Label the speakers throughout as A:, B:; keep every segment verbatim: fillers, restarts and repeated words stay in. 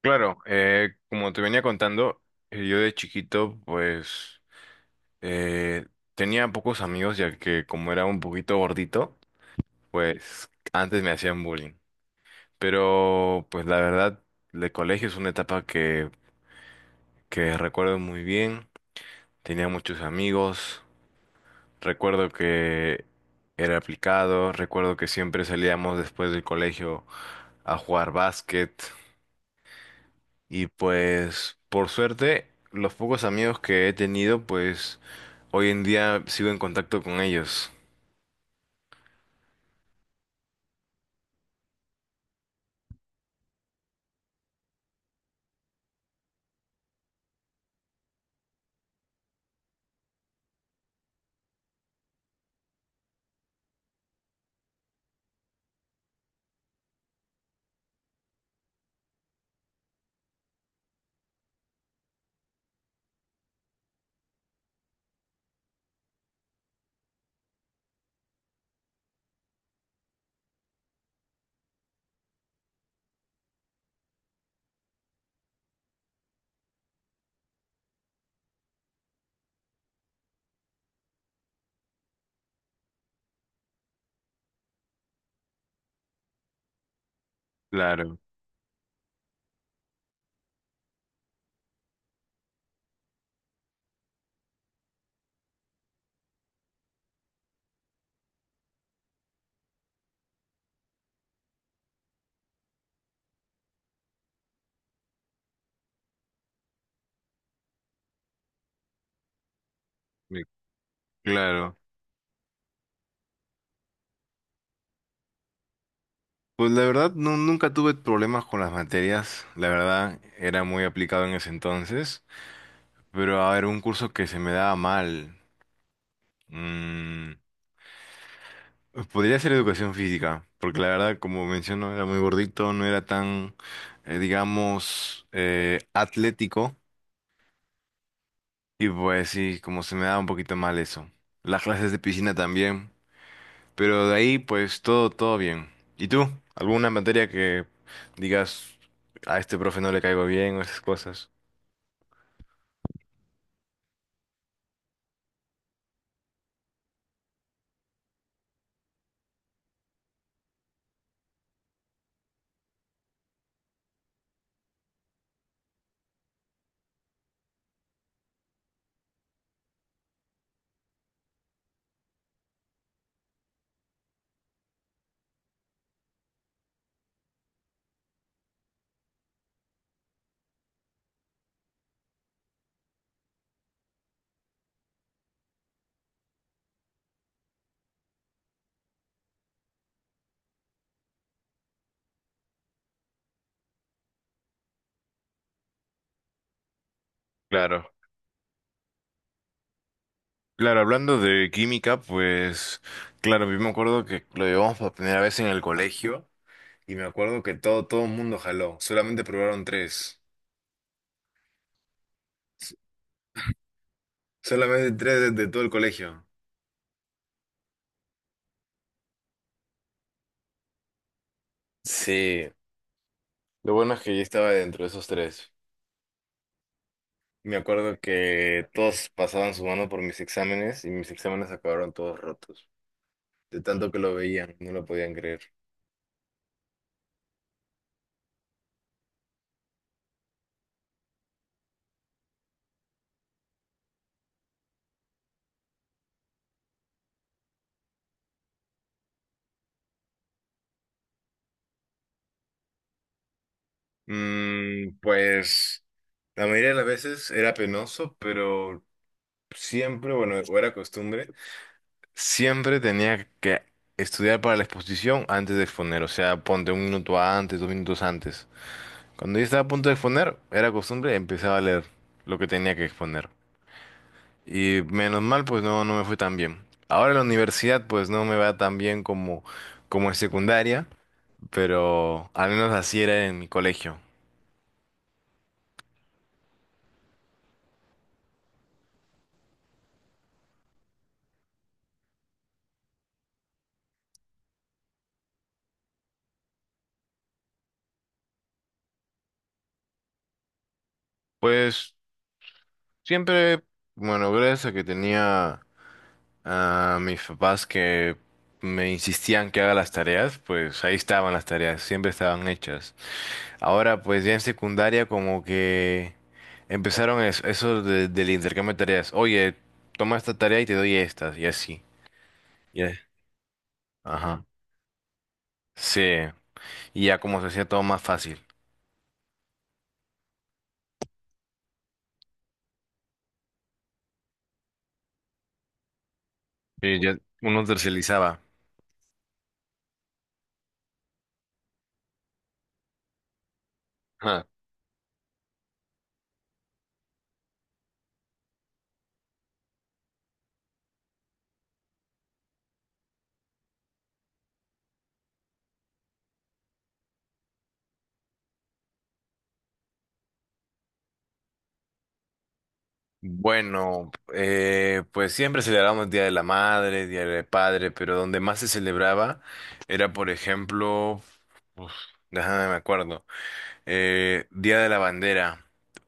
A: Claro, eh, como te venía contando, eh, yo de chiquito pues eh, tenía pocos amigos ya que como era un poquito gordito, pues antes me hacían bullying. Pero pues la verdad, el colegio es una etapa que, que recuerdo muy bien, tenía muchos amigos, recuerdo que era aplicado, recuerdo que siempre salíamos después del colegio a jugar básquet. Y pues, por suerte, los pocos amigos que he tenido, pues hoy en día sigo en contacto con ellos. Claro, mi- claro. Pues la verdad, nu- nunca tuve problemas con las materias. La verdad, era muy aplicado en ese entonces. Pero a ver, un curso que se me daba mal. mm, podría ser educación física. Porque la verdad, como menciono, era muy gordito, no era tan, eh, digamos, eh, atlético. Y pues sí, como se me da un poquito mal eso. Las clases de piscina también. Pero de ahí, pues todo, todo bien. ¿Y tú? ¿Alguna materia que digas a este profe no le caigo bien o esas cosas? Claro. Claro, hablando de química, pues claro, yo me acuerdo que lo llevamos por primera vez en el colegio y me acuerdo que todo, todo el mundo jaló. Solamente probaron tres. S- Solamente tres de, de todo el colegio. Sí, lo bueno es que yo estaba dentro de esos tres. Me acuerdo que todos pasaban su mano por mis exámenes y mis exámenes acabaron todos rotos. De tanto que lo veían, no lo podían creer. Mm, pues la mayoría de las veces era penoso, pero siempre, bueno, o era costumbre, siempre tenía que estudiar para la exposición antes de exponer. O sea, ponte un minuto antes, dos minutos antes. Cuando ya estaba a punto de exponer, era costumbre, empezaba a leer lo que tenía que exponer. Y menos mal, pues no, no me fue tan bien. Ahora en la universidad, pues no me va tan bien como, como en secundaria, pero al menos así era en mi colegio. Pues siempre, bueno, gracias a que tenía a mis papás que me insistían que haga las tareas, pues ahí estaban las tareas, siempre estaban hechas. Ahora, pues ya en secundaria, como que empezaron es- eso, de- del intercambio de tareas. Oye, toma esta tarea y te doy estas, y así. Ya. Ajá. Sí, y ya como se hacía todo más fácil. Y ya uno tercerizaba. Ajá. Bueno, eh, pues siempre celebrábamos Día de la Madre, Día del Padre, pero donde más se celebraba era, por ejemplo, uf, déjame me acuerdo, eh, Día de la Bandera.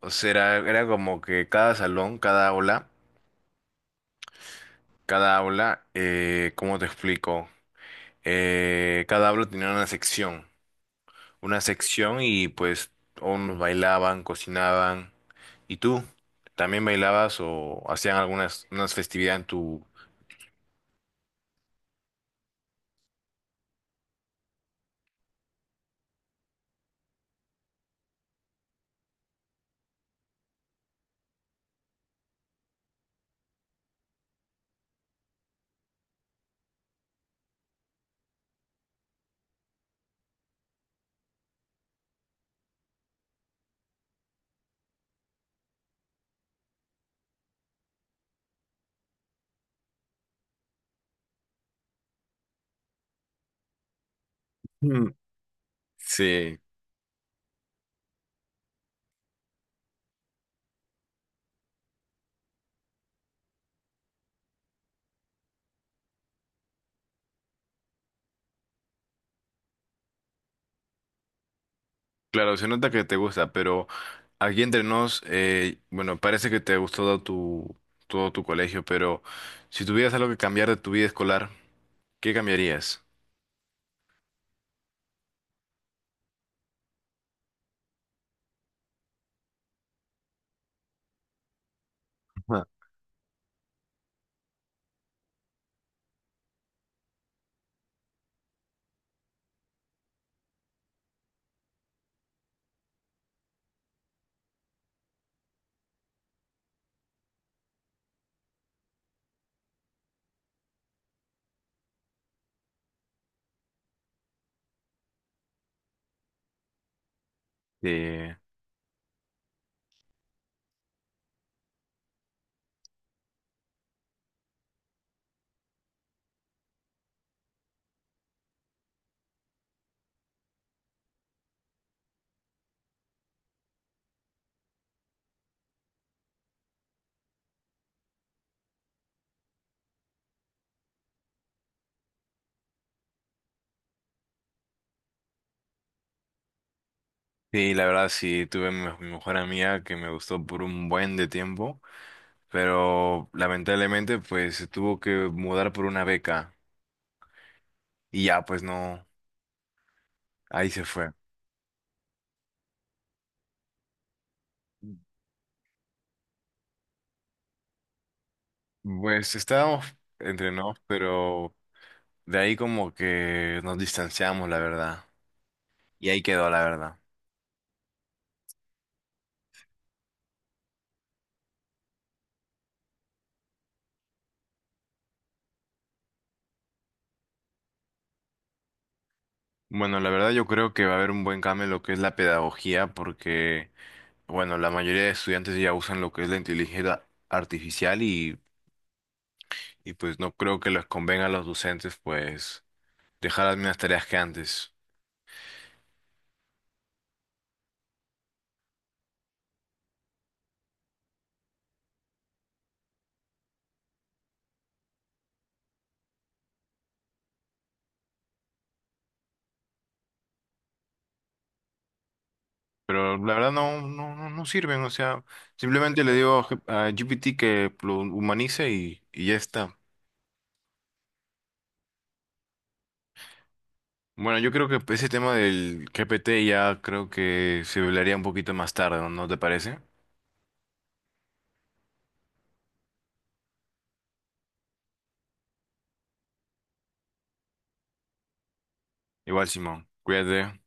A: O sea, era, era como que cada salón, cada aula, cada aula, eh, ¿cómo te explico? Eh, cada aula tenía una sección, una sección y pues unos bailaban, cocinaban. ¿Y tú? ¿También bailabas o hacían algunas unas festividades en tu... Mm, sí, claro, se nota que te gusta, pero aquí entre nos, eh, bueno, parece que te gustó todo tu, todo tu colegio, pero si tuvieras algo que cambiar de tu vida escolar, ¿qué cambiarías? Ajá. Sí, sí, la verdad sí, tuve mi, mi mejor amiga que me gustó por un buen de tiempo, pero lamentablemente pues se tuvo que mudar por una beca y ya pues no, ahí se fue. Pues estábamos entre nos, pero de ahí como que nos distanciamos, la verdad. Y ahí quedó, la verdad. Bueno, la verdad yo creo que va a haber un buen cambio en lo que es la pedagogía, porque, bueno, la mayoría de estudiantes ya usan lo que es la inteligencia artificial y, y pues no creo que les convenga a los docentes, pues, dejar las mismas tareas que antes. Pero la verdad no, no, no, no sirven, o sea, simplemente le digo a G P T que lo humanice y, y ya está. Bueno, yo creo que ese tema del G P T ya creo que se hablaría un poquito más tarde, ¿no? ¿No te parece? Igual, Simón, cuídate.